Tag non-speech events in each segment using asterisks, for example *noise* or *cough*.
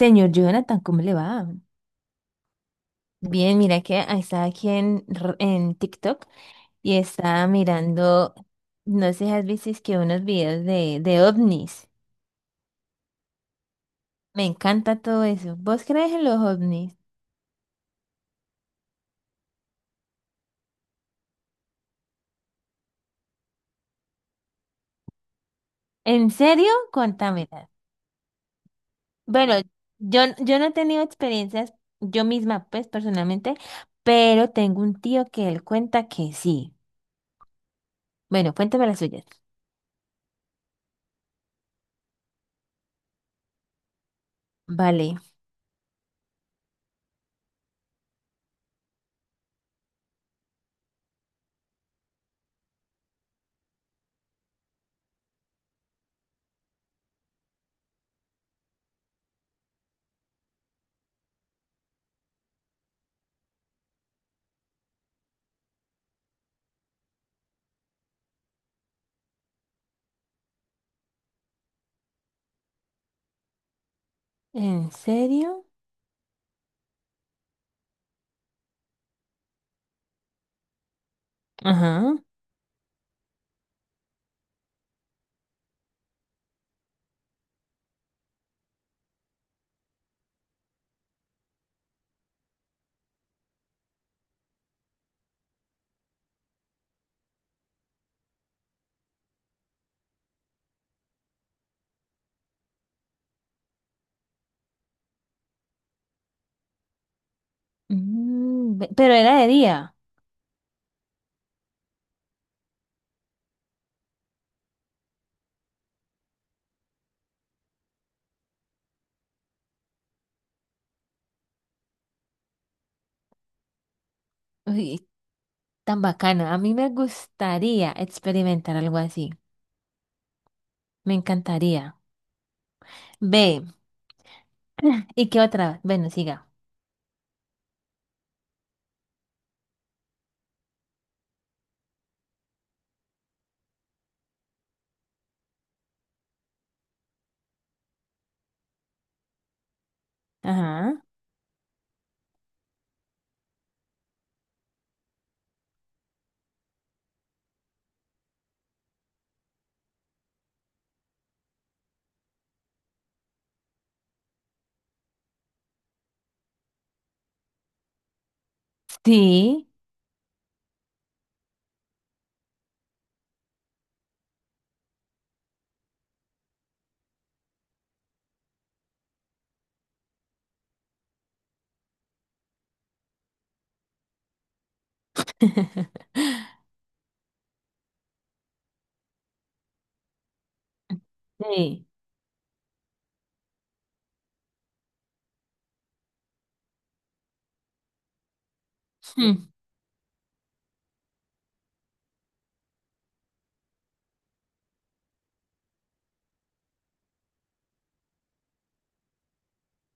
Señor Jonathan, ¿cómo le va? Bien, mira que ahí estaba aquí en TikTok y estaba mirando, no sé si has visto es que unos videos de ovnis. Me encanta todo eso. ¿Vos crees en los ovnis? ¿En serio? Cuéntame. Bueno, yo no he tenido experiencias yo misma, pues personalmente, pero tengo un tío que él cuenta que sí. Bueno, cuéntame las suyas. Vale. ¿En serio? Ajá. Mm, pero era de día. Uy, tan bacano. A mí me gustaría experimentar algo así. Me encantaría. Ve, *laughs* *clears throat* ¿y qué otra? Bueno, siga. Ajá. Sí. *laughs* Sí. Hmm.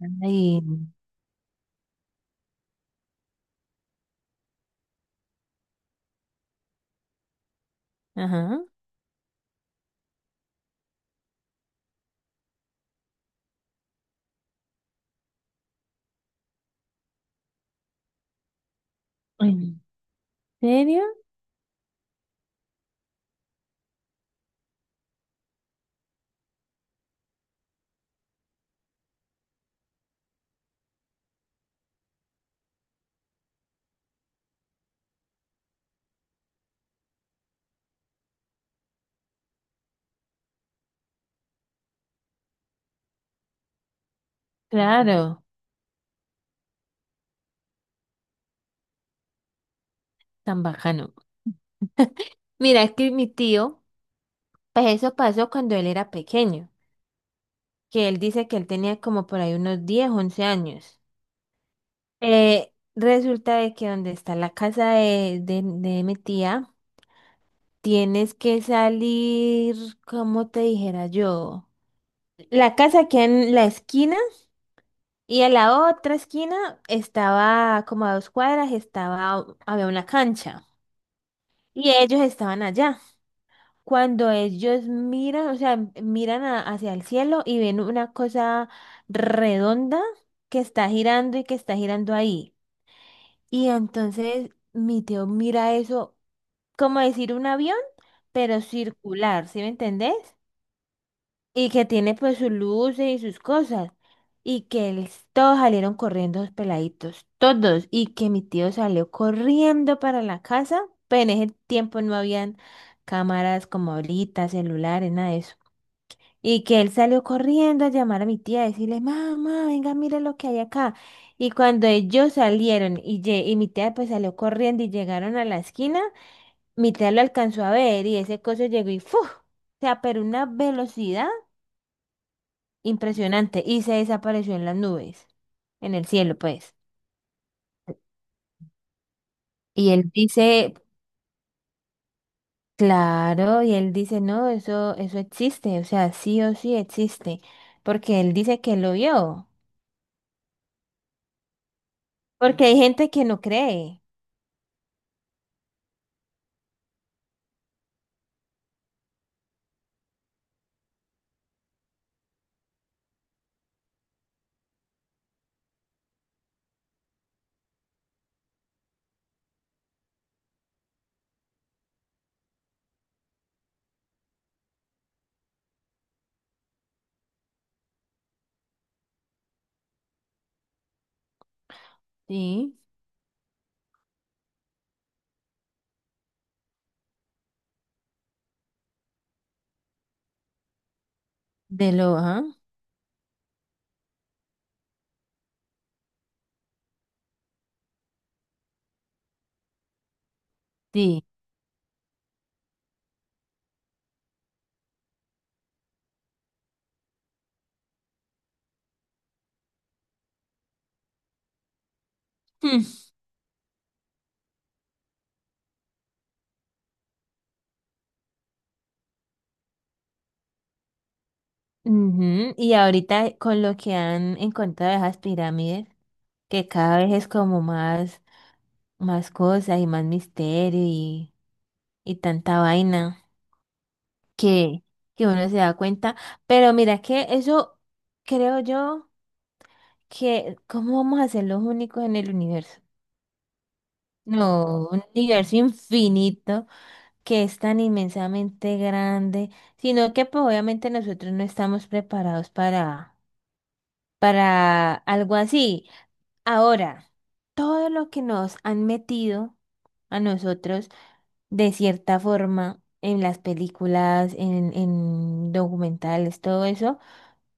Ay, ajá. ¿En serio? Claro, tan bacano. Mira, es que mi tío, pues eso pasó cuando él era pequeño, que él dice que él tenía como por ahí unos 10 u 11 años. Resulta de que donde está la casa de mi tía, tienes que salir, como te dijera yo. La casa queda en la esquina y a la otra esquina estaba como a dos cuadras, estaba, había una cancha y ellos estaban allá. Cuando ellos miran, o sea, hacia el cielo y ven una cosa redonda que está girando y que está girando ahí. Y entonces mi tío mira eso como decir un avión, pero circular, ¿sí me entendés? Y que tiene pues sus luces y sus cosas. Todos salieron corriendo los peladitos, todos. Y que mi tío salió corriendo para la casa, pero en ese tiempo no habían cámaras como ahorita, celulares, nada de eso. Y que él salió corriendo a llamar a mi tía, a decirle, mamá, venga, mire lo que hay acá. Y cuando ellos y mi tía pues salió corriendo y llegaron a la esquina, mi tía lo alcanzó a ver y ese coso llegó y ¡fu! O sea, pero una velocidad. Impresionante. Y se desapareció en las nubes, en el cielo, pues. Y él dice, claro, y él dice, no, eso existe, o sea, sí o sí existe, porque él dice que lo vio, porque hay gente que no cree, sí, de lo, ajá, sí. Hmm. Ujú, y ahorita con lo que han encontrado de esas pirámides, que cada vez es como más, más cosas y más misterio y tanta vaina. que, que uno se da cuenta. Pero mira que eso creo yo que, ¿cómo vamos a ser los únicos en el universo? No, un universo infinito que es tan inmensamente grande, sino que pues obviamente nosotros no estamos preparados para algo así. Ahora, todo lo que nos han metido a nosotros de cierta forma en las películas, en documentales, todo eso.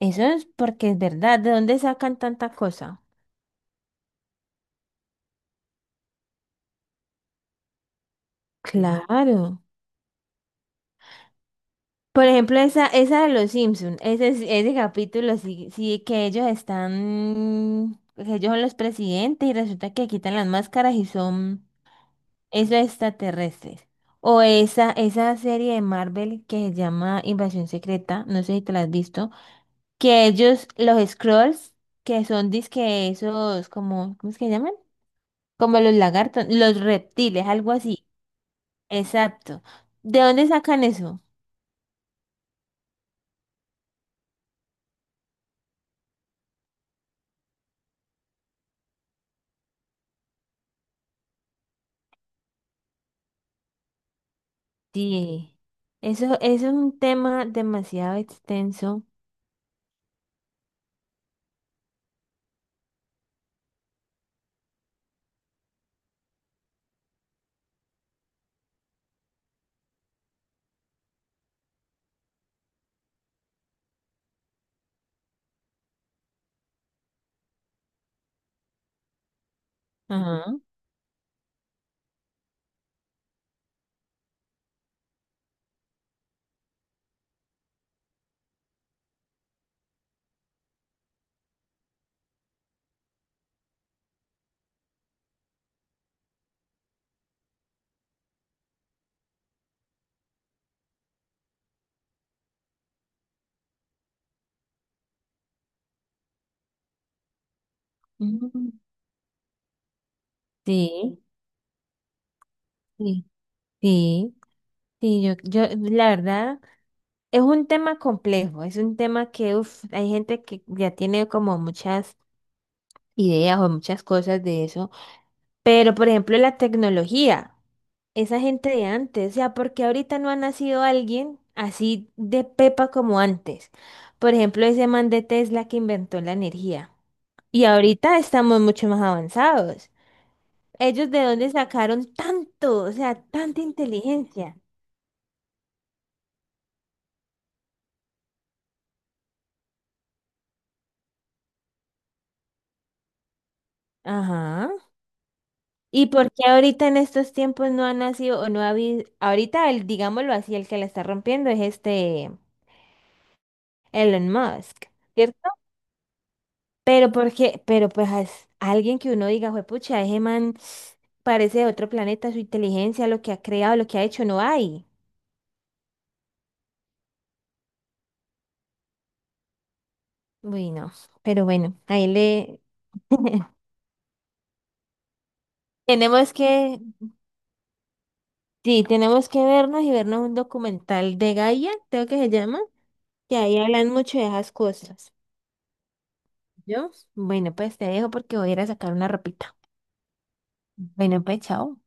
Eso es porque es verdad. ¿De dónde sacan tanta cosa? Claro. Por ejemplo, esa de los Simpson, ese capítulo sí, sí que ellos están, que ellos son los presidentes y resulta que quitan las máscaras y son esos extraterrestres. O esa serie de Marvel que se llama Invasión Secreta, no sé si te la has visto, que ellos, los Skrulls, que son disque esos como, ¿cómo es que llaman? Como los lagartos, los reptiles, algo así. Exacto. ¿De dónde sacan eso? Sí. Eso es un tema demasiado extenso. Ajá. Ujú. Sí, sí, sí, sí, la verdad, es un tema complejo, es un tema que, uf, hay gente que ya tiene esa gente de antes, o sea, porque ahorita no ha nacido alguien así de pepa como antes. Por ejemplo, ese man de Tesla que inventó la energía. Y ahorita estamos mucho más avanzados. ¿Ellos de dónde sacaron tanto, o sea, tanta inteligencia? Ajá. ¿Y por qué ahorita en estos tiempos no ha nacido o no ha habido? Ahorita, el, digámoslo así, el que la está rompiendo es este Elon Musk. ¿Cierto? Pero porque, pero pues as- alguien que uno diga, juepucha, ese man parece de otro planeta, su inteligencia, lo que ha creado, lo que ha hecho, no hay. Uy, no. Pero bueno, ahí le *laughs* tenemos que, sí, tenemos que vernos y vernos un documental de Gaia, creo que se llama, que ahí hablan mucho de esas cosas. ¿Yo? Bueno, pues te dejo porque voy a ir a sacar una ropita. Bueno, pues chao.